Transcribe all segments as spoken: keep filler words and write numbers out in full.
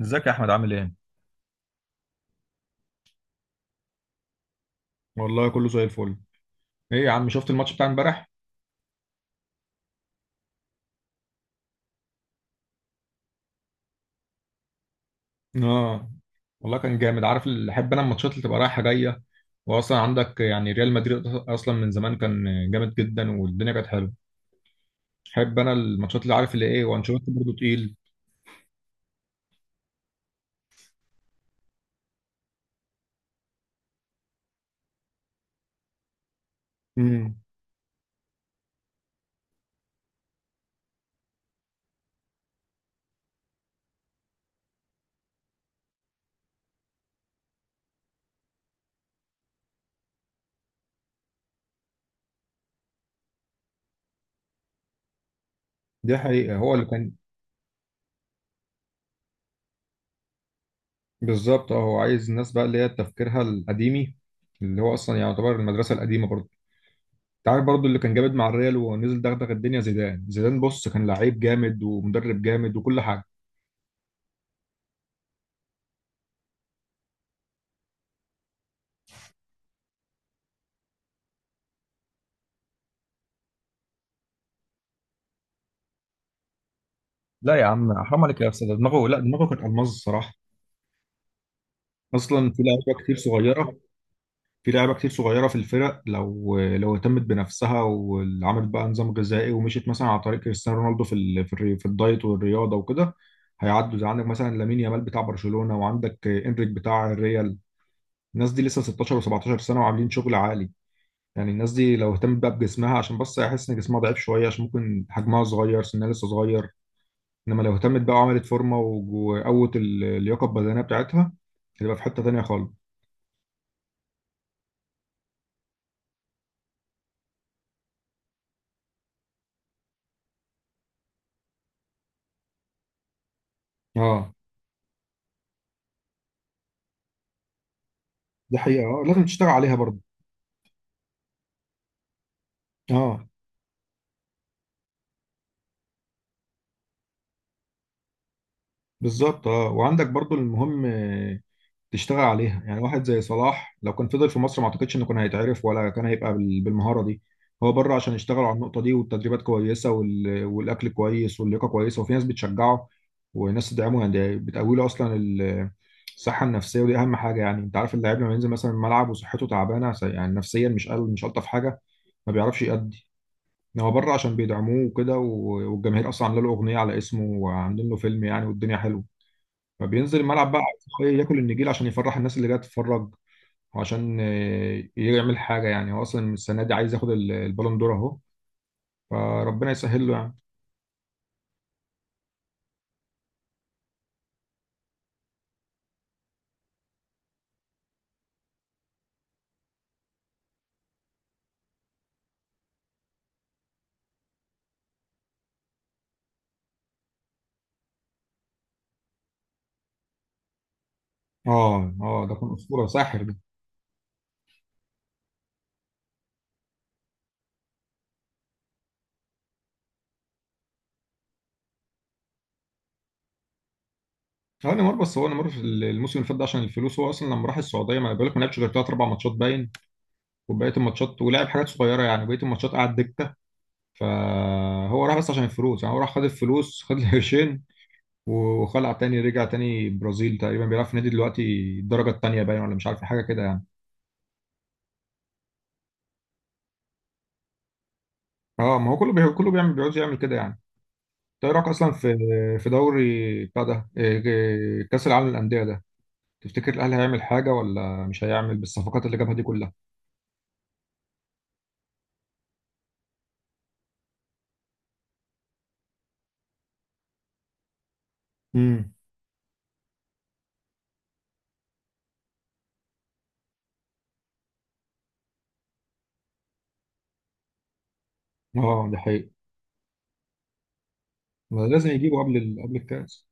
ازيك يا احمد عامل ايه؟ والله كله زي الفل. ايه يا عم، شفت الماتش بتاع امبارح؟ اه والله كان جامد. عارف اللي احب انا؟ الماتشات اللي تبقى رايحه جايه، واصلا عندك يعني ريال مدريد اصلا من زمان كان جامد جدا والدنيا كانت حلوه. احب انا الماتشات اللي عارف اللي ايه، وانشيلوتي برضه تقيل. امم، دي حقيقه، هو اللي كان. بالظبط اه، هو عايز الناس بقى اللي هي تفكيرها القديمي، اللي هو اصلا يعتبر المدرسه القديمه برضه. انت عارف برضه اللي كان جامد مع الريال ونزل دغدغ الدنيا؟ زيدان. زيدان بص كان لعيب جامد ومدرب جامد وكل حاجه. لا يا عم حرام عليك يا استاذ، ده دماغه، لا دماغه كانت الماظ الصراحه. اصلا في لعيبه كتير صغيره. في لعيبه كتير صغيره في الفرق، لو لو اهتمت بنفسها وعملت بقى نظام غذائي، ومشيت مثلا على طريق كريستيانو رونالدو في ال... في, الري... في الدايت والرياضه وكده، هيعدوا. زي عندك مثلا لامين يامال بتاع برشلونه، وعندك انريك بتاع الريال، الناس دي لسه ستاشر و17 سنه وعاملين شغل عالي. يعني الناس دي لو اهتمت بقى بجسمها، عشان بس هيحس ان جسمها ضعيف شويه، عشان ممكن حجمها صغير سنها لسه صغير. انما لو اهتمت بقى وعملت فورمه وج- وقوت ال- اللياقه البدنيه بتاعتها، هتبقى في حته تانيه خالص. اه دي حقيقه، اه لازم تشتغل عليها برضه. اه بالظبط. اه وعندك برضه المهم تشتغل عليها. يعني واحد زي صلاح، لو كان فضل في مصر ما اعتقدش انه كان هيتعرف، ولا كان هيبقى بال- بالمهارة دي. هو بره، عشان يشتغلوا على النقطة دي، والتدريبات كويسة وال... والأكل كويس، واللياقة كويسة، وفي ناس بتشجعه وناس تدعمه، يعني بتقوي له أصلا ال- الصحة النفسية، ودي أهم حاجة. يعني أنت عارف اللاعب لما ينزل مثلا الملعب وصحته تعبانة، س- يعني نفسيا، مش قل... مش ألطف حاجة، ما بيعرفش يأدي. إنما هو بره، عشان بيدعموه وكده و- والجماهير أصلا عاملة له أغنية على اسمه، وعاملين له فيلم، يعني والدنيا حلوة، فبينزل الملعب بقى عايز إيه؟ ياكل النجيل عشان يفرح الناس اللي جايه تتفرج، وعشان آه، يعمل حاجه. يعني هو اصلا السنه دي عايز ياخد ال- البالون دور اهو، فربنا يسهل له يعني. اه اه، ده كان اسطوره، ساحر ده. هو نيمار، بس هو نيمار في الموسم اللي فات ده عشان الفلوس. هو اصلا لما راح السعوديه، ما أنا بقول لك، ما لعبش غير ثلاث اربع ماتشات باين، وبقيه الماتشات ولعب حاجات صغيره، يعني بقيه الماتشات قعد دكه. فهو راح بس عشان الفلوس، يعني هو راح خد الفلوس، خد القرشين، وخلع تاني، رجع تاني برازيل، تقريبا بيلعب في نادي دلوقتي الدرجه الثانيه باين، ولا مش عارف حاجه كده يعني. اه، ما هو كله بي... كله بيعمل، بيقعد يعمل كده يعني. انت ايه رايك اصلا في في دوري بتاع ده إيه- إيه، كاس العالم للانديه ده؟ تفتكر الاهلي هيعمل حاجه، ولا مش هيعمل، بالصفقات اللي جابها دي كلها؟ امم، اه ده حقيقي. ما لازم يجيبه قبل ال... قبل الكاس.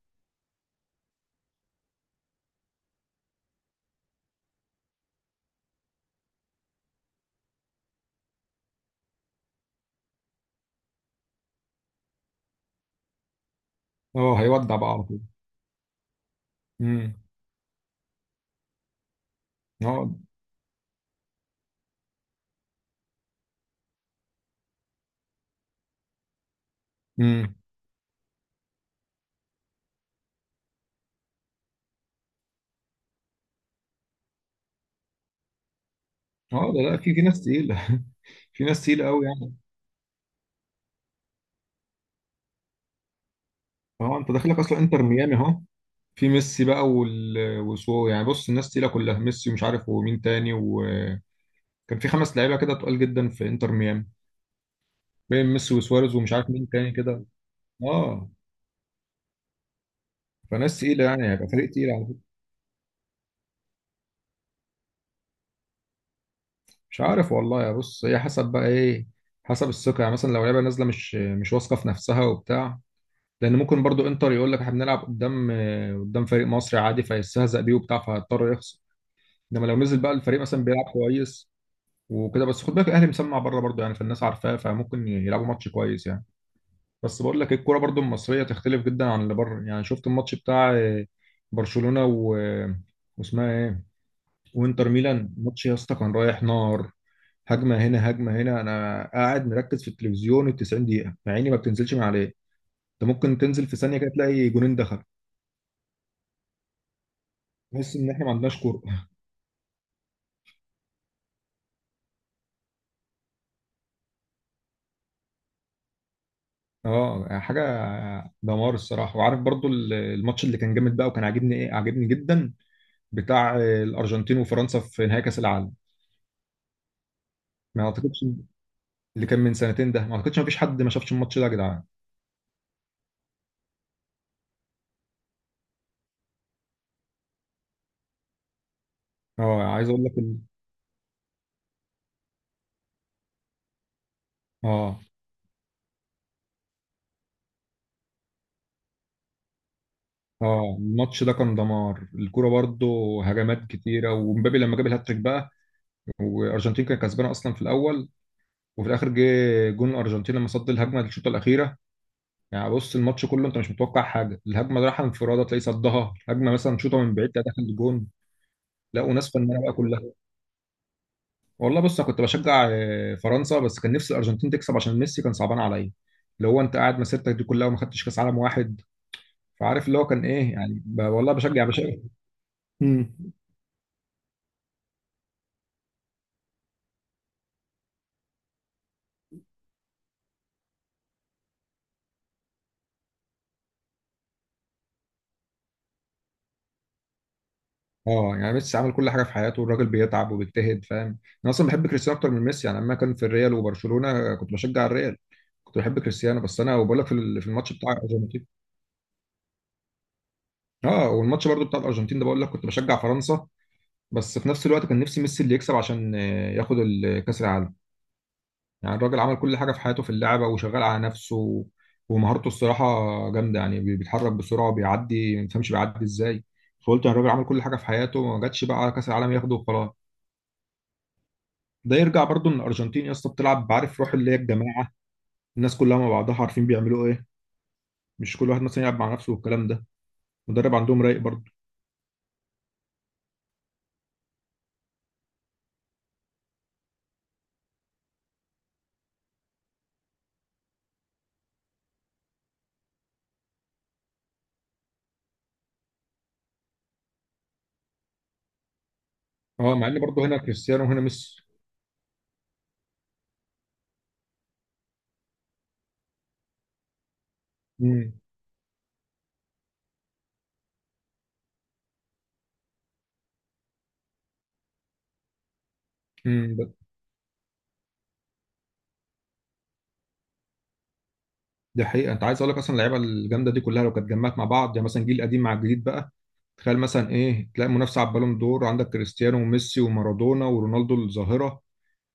اه هيودع بقى على طول. امم. اه. امم. اه ده لا، في في ناس تقيله. في ناس تقيله قوي يعني. اه انت داخلك اصلا انتر ميامي اهو، في ميسي بقى وال... وسو، يعني بص الناس تقيله كلها، ميسي ومش عارف ومين تاني، وكان في خمس لعيبه كده تقال جدا في انتر ميامي، بين ميسي وسواريز ومش عارف مين تاني كده. اه فناس تقيله، يعني هيبقى فريق تقيل على فكره. مش عارف والله. يا بص هي حسب بقى ايه؟ حسب الثقه. يعني مثلا لو لعبه نازله مش مش واثقه في نفسها وبتاع، لان ممكن برضو انتر يقول لك احنا بنلعب قدام، آه، قدام فريق مصري عادي، فيستهزأ بيه وبتاع، فهيضطر يخسر. انما لو نزل بقى الفريق مثلا بيلعب كويس وكده. بس خد بالك الاهلي مسمع بره برضو يعني، فالناس عارفاه، فممكن يلعبوا ماتش كويس يعني. بس بقول لك الكوره برضو المصريه تختلف جدا عن اللي بره. يعني شفت الماتش بتاع آه، برشلونه و آه، واسمها ايه، وانتر ميلان؟ ماتش يا اسطى كان رايح نار، هجمه هنا هجمه هنا، انا قاعد مركز في التلفزيون ال تسعين دقيقه، مع اني ما بتنزلش من عليه. انت ممكن تنزل في ثانيه كده تلاقي جونين دخل. تحس ان احنا ما عندناش كوره. اه حاجه دمار الصراحه. وعارف برضو ال- الماتش اللي كان جامد بقى وكان عاجبني؟ ايه، عاجبني جدا، بتاع الارجنتين وفرنسا في نهائي كاس العالم. ما اعتقدش، اللي كان من سنتين ده، ما اعتقدش ما فيش حد ما شافش الماتش ده يا جدعان. اه عايز اقول لك ال- اه اه، الماتش ده كان دمار الكوره برضه. هجمات كتيره، ومبابي لما جاب الهاتريك بقى. والارجنتين كانت كسبانه اصلا في الاول، وفي الاخر جه جون الارجنتين لما صد الهجمه الشوطه الاخيره. يعني بص الماتش كله انت مش متوقع حاجه، الهجمه رايحه انفراده تلاقي صدها، هجمه مثلا شوطه من بعيد تلاقي داخل الجون. لا وناس فنانه بقى كلها. والله بص انا كنت بشجع آه، فرنسا، بس كان نفسي الارجنتين تكسب عشان ميسي كان صعبان عليا. اللي هو انت قاعد مسيرتك دي كلها وما خدتش كاس عالم واحد. فعارف اللي هو كان ايه يعني، ب- والله بشجع بشجع. مم. اه يعني ميسي عمل كل حاجه في حياته، الراجل بيتعب وبيجتهد فاهم. انا اصلا بحب كريستيانو اكتر من ميسي. يعني لما كان في الريال وبرشلونه كنت بشجع الريال، كنت بحب كريستيانو. بس انا وبقول لك في ال- في الماتش بتاع الارجنتين، اه والماتش برضو بتاع الارجنتين ده، بقول لك كنت بشجع فرنسا، بس في نفس الوقت كان نفسي ميسي اللي يكسب عشان آه، ياخد ال- كاس العالم. يعني الراجل عمل كل حاجه في حياته في اللعبه، وشغال على نفسه و- ومهارته الصراحه جامده. يعني بي- بيتحرك بسرعه وبيعدي ما تفهمش بيعدي ازاي. فقلت يعني الراجل عمل كل حاجه في حياته، ما جاتش بقى على كاس العالم ياخده وخلاص. ده يرجع برضو ان الارجنتين يا اسطى بتلعب، عارف روح اللي هي الجماعه، الناس كلها مع بعضها عارفين بيعملوا ايه، مش كل واحد مثلا يلعب مع نفسه والكلام ده. مدرب عندهم رايق برضو. اه مع ان برضو هنا كريستيانو وهنا ميسي. امم. امم. ده ده حقيقه. انت عايز اقول لك اصلا، اللعيبه الجامده دي كلها لو كانت اتجمعت مع بعض، يعني مثلا جيل قديم مع الجديد بقى، تخيل مثلا ايه. تلاقي منافسه على البالون دور، عندك كريستيانو وميسي ومارادونا ورونالدو الظاهره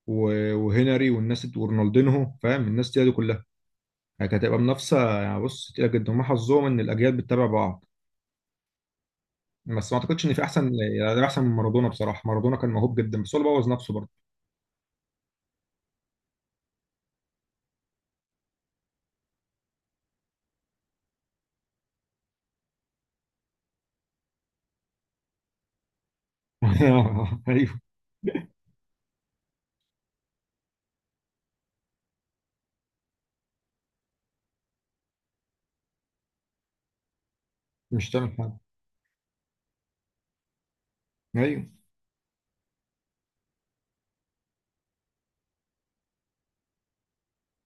و- وهنري والناس دي- ورونالدينهو، فاهم؟ الناس دي دي كلها، يعني كانت هتبقى منافسه يعني بص تقيله جدا. وما حظهم ان الاجيال بتتابع بعض. بس ما اعتقدش ان في احسن، يعني ده احسن من مارادونا بصراحه. مارادونا كان موهوب جدا، بس هو اللي بوظ نفسه برضه. ايوه. مش تعمل حاجه. ايوه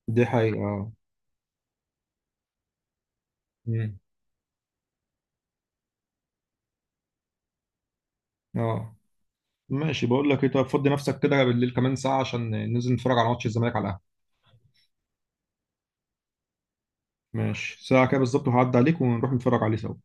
دي حقيقه اه. مم. اه ماشي. بقول لك ايه، طب فضي نفسك كده بالليل كمان ساعه، عشان ننزل نتفرج على ماتش الزمالك على القهوه. ماشي ساعه كده بالظبط هعدي عليك ونروح نتفرج عليه سوا.